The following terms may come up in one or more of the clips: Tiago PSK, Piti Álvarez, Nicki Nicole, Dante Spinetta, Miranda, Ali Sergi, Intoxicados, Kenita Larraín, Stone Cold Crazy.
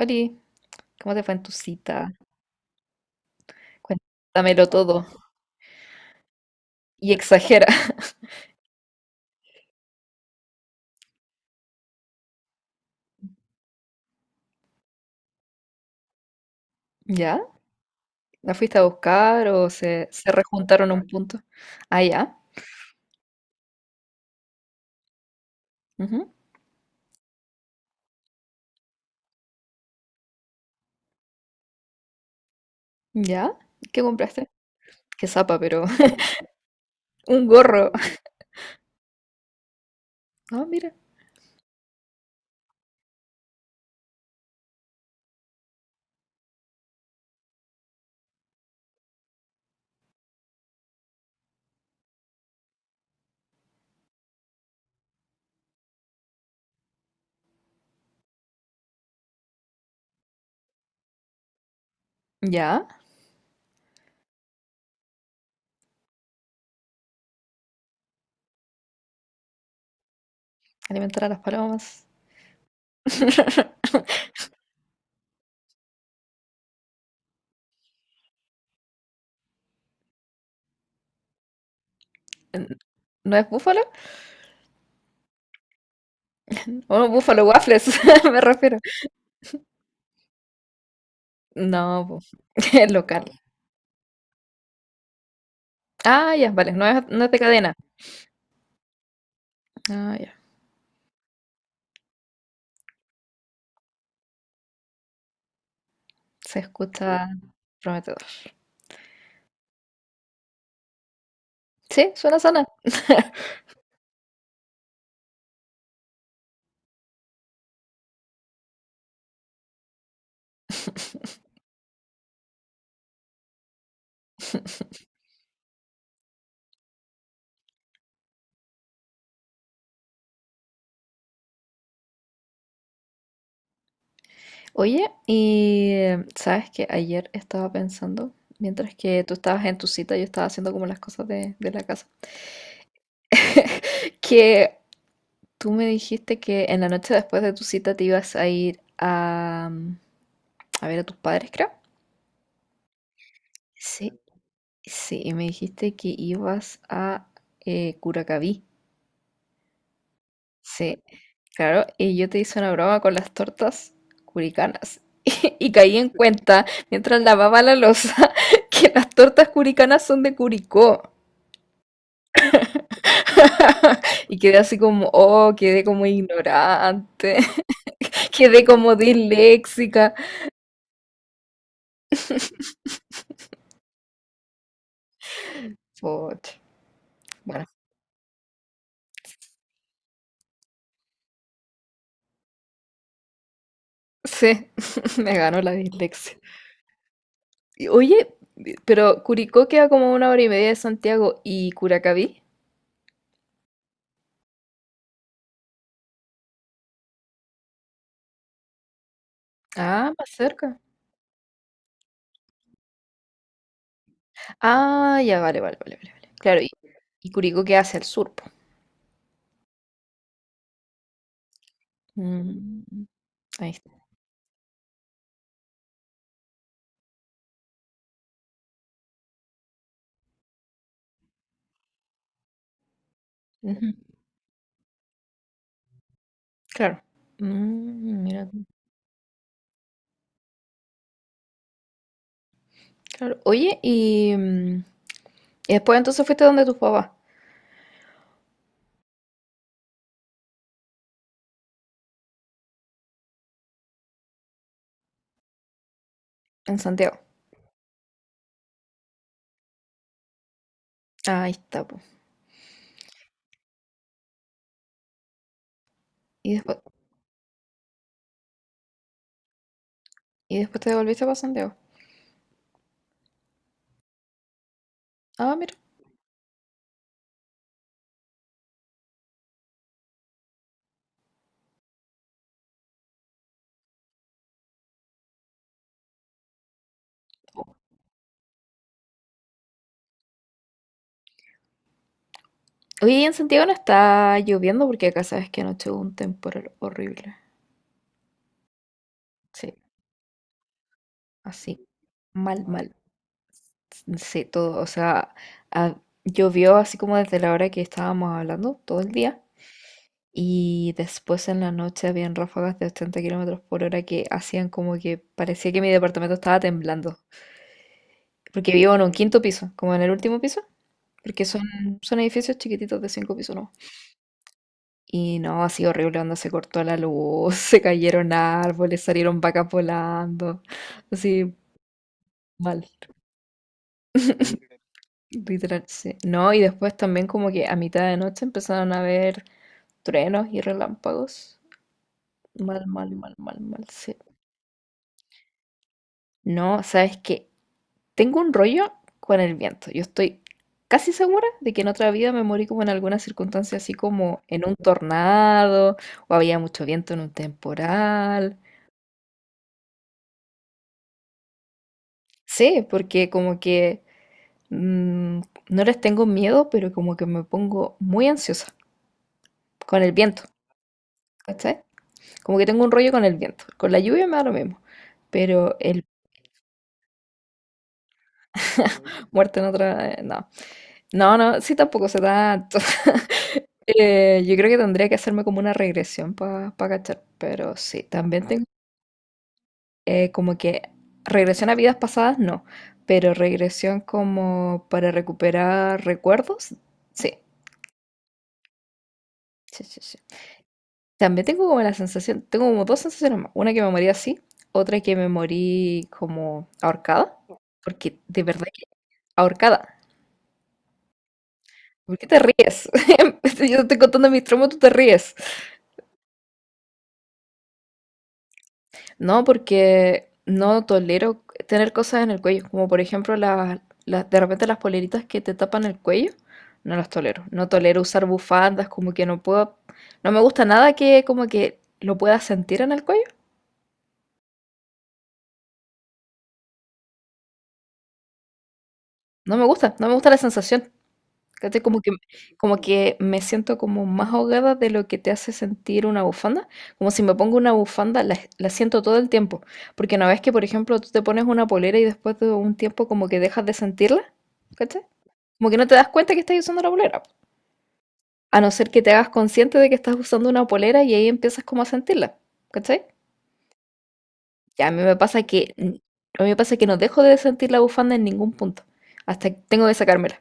Oli, ¿cómo te fue en tu cita? Cuéntamelo todo y exagera. ¿Ya? ¿La fuiste a buscar o se rejuntaron a un punto? Ah, ya. Ujú. ¿Ya? ¿Qué compraste? Qué zapa, pero un gorro. Ah, mira. ¿Ya? Alimentar a las palomas. ¿No es búfalo? Oh, búfalo waffles, me refiero. No, po, es local. Ah, ya, vale, no es de cadena. Ah, ya. Se escucha prometedor. Sí, suena sana. Oye, y sabes que ayer estaba pensando, mientras que tú estabas en tu cita, yo estaba haciendo como las cosas de la casa, que tú me dijiste que en la noche después de tu cita te ibas a ir a, a ver a tus padres, creo. Sí, sí, y me dijiste que ibas a Curacaví. Sí, claro, y yo te hice una broma con las tortas curicanas. Y caí en cuenta, mientras lavaba la loza, que las tortas curicanas son de Curicó. Y quedé así como, oh, quedé como ignorante, quedé como disléxica. Pucha, bueno, sí, me ganó la dislexia. Y, oye, pero Curicó queda como una hora y media de Santiago y Curacaví. Ah, más cerca. Ah, ya, vale, vale, vale, vale, vale, Claro, y Curicó queda hacia el sur, po. Mm, ahí está. Ujú, claro. Mm, mira, tú. Claro. Oye, y después entonces fuiste donde tus papás, en Santiago. Ahí está. Y después, y después te devolviste para Santiago. Ah, mira. Oye, en Santiago no está lloviendo porque acá sabes que anoche hubo un temporal horrible. Sí, así. Mal, mal. Sí, todo. O sea, ah, llovió así como desde la hora que estábamos hablando, todo el día. Y después en la noche habían ráfagas de 80 kilómetros por hora que hacían como que parecía que mi departamento estaba temblando. Porque vivo en un quinto piso, como en el último piso. Porque son edificios chiquititos de cinco pisos, ¿no? Y no, ha sido horrible cuando se cortó la luz, se cayeron árboles, salieron vacas volando, así mal, literal, sí. No, y después también como que a mitad de noche empezaron a haber truenos y relámpagos. Mal, mal, mal, mal, mal, sí. No, sabes que tengo un rollo con el viento. Yo estoy casi segura de que en otra vida me morí como en alguna circunstancia, así como en un tornado, o había mucho viento en un temporal. Sí, porque como que mm, no les tengo miedo, pero como que me pongo muy ansiosa con el viento, ¿cachai? Como que tengo un rollo con el viento. Con la lluvia me da lo mismo, pero el muerto en otra. No, no, no, sí tampoco se da. Yo creo que tendría que hacerme como una regresión para cachar, pero sí, también tengo como que regresión a vidas pasadas, no, pero regresión como para recuperar recuerdos, sí, sí, sí, sí. También tengo como la sensación, tengo como dos sensaciones más. Una que me morí así, otra que me morí como ahorcada. Porque de verdad que ahorcada. ¿Por qué te ríes? Yo te estoy contando mis traumas, tú te ríes. No, porque no tolero tener cosas en el cuello. Como por ejemplo de repente las poleritas que te tapan el cuello. No las tolero. No tolero usar bufandas, como que no puedo. No me gusta nada que como que lo pueda sentir en el cuello. No me gusta la sensación. ¿Cachai? Como que me siento como más ahogada de lo que te hace sentir una bufanda. Como si me pongo una bufanda, la siento todo el tiempo. Porque no ves que, por ejemplo, tú te pones una polera y después de un tiempo como que dejas de sentirla. ¿Cachai? Como que no te das cuenta que estás usando la polera. A no ser que te hagas consciente de que estás usando una polera y ahí empiezas como a sentirla. ¿Cachai? Y a mí me pasa que, a mí me pasa que no dejo de sentir la bufanda en ningún punto. Hasta que tengo que sacármela.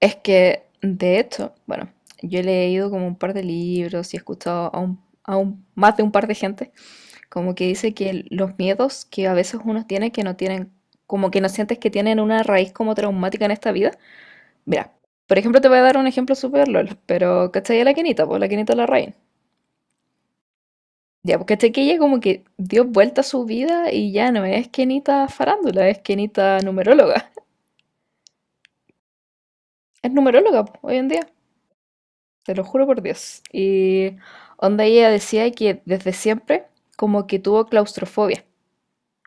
Es que, de hecho, bueno, yo he leído como un par de libros y he escuchado a un, más de un par de gente, como que dice que los miedos que a veces uno tiene que no tienen, como que no sientes que tienen una raíz como traumática en esta vida. Mira, por ejemplo, te voy a dar un ejemplo súper lol, pero ¿cachai a la Kenita? Pues la Kenita Larraín. Ya, porque cachai que ella como que dio vuelta a su vida y ya no es Kenita farándula, es Kenita numeróloga. Es numeróloga po, hoy en día. Te lo juro por Dios. Y onda ella decía que desde siempre como que tuvo claustrofobia,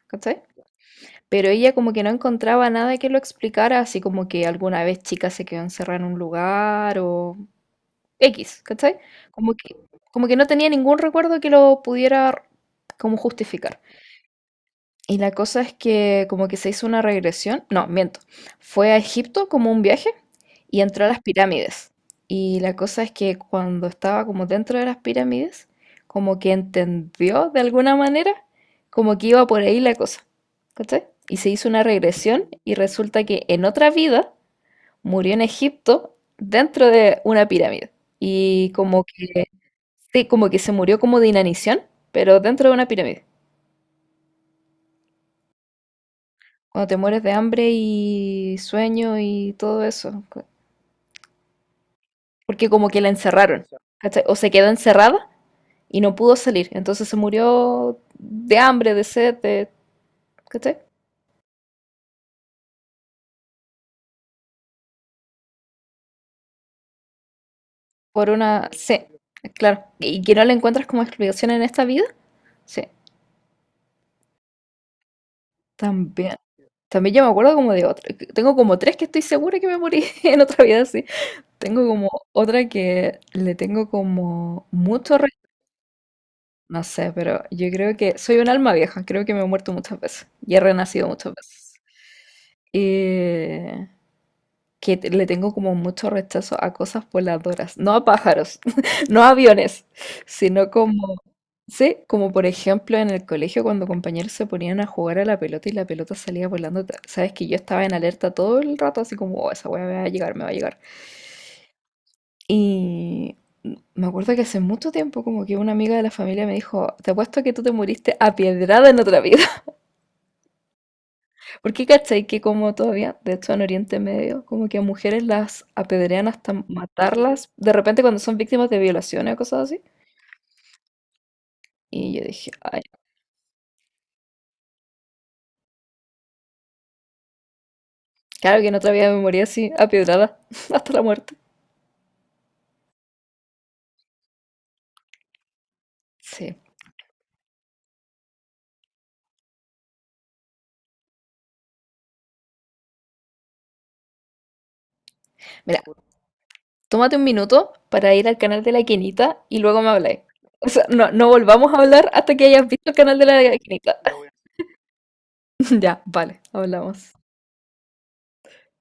¿cachai? Pero ella como que no encontraba nada que lo explicara, así como que alguna vez chica se quedó encerrada en un lugar o X, ¿cachai? Como que, como que no tenía ningún recuerdo que lo pudiera como justificar. Y la cosa es que como que se hizo una regresión, no, miento, fue a Egipto como un viaje y entró a las pirámides. Y la cosa es que cuando estaba como dentro de las pirámides, como que entendió de alguna manera, como que iba por ahí la cosa. ¿Cachai? Y se hizo una regresión y resulta que en otra vida murió en Egipto dentro de una pirámide. Y como que, sí, como que se murió como de inanición, pero dentro de una pirámide. Cuando te mueres de hambre y sueño y todo eso. Porque como que la encerraron, ¿cachai? O se quedó encerrada y no pudo salir. Entonces se murió de hambre, de sed, de, ¿cachai? Por una. Sí, claro. Y que no le encuentras como explicación en esta vida. Sí, también. También yo me acuerdo como de otra. Tengo como tres que estoy segura que me morí en otra vida, sí. Tengo como otra que le tengo como mucho. No sé, pero yo creo que soy un alma vieja, creo que me he muerto muchas veces y he renacido muchas veces. Eh, le tengo como mucho rechazo a cosas voladoras, no a pájaros, no a aviones, sino como, sí, como por ejemplo en el colegio cuando compañeros se ponían a jugar a la pelota y la pelota salía volando, sabes que yo estaba en alerta todo el rato, así como, "Oh, esa weá me va a llegar, me va a llegar". Y me acuerdo que hace mucho tiempo, como que una amiga de la familia me dijo, te apuesto que tú te muriste apiedrada en otra vida. Porque cachai que como todavía, de hecho en Oriente Medio, como que a mujeres las apedrean hasta matarlas, de repente cuando son víctimas de violaciones o cosas así. Y yo dije, ay, claro que en otra vida me morí así, apiedrada, hasta la muerte. Sí. Mira, tómate un minuto para ir al canal de la Quinita y luego me habláis. O sea, no, no volvamos a hablar hasta que hayas visto el canal de la Quinita. Ya, vale, hablamos.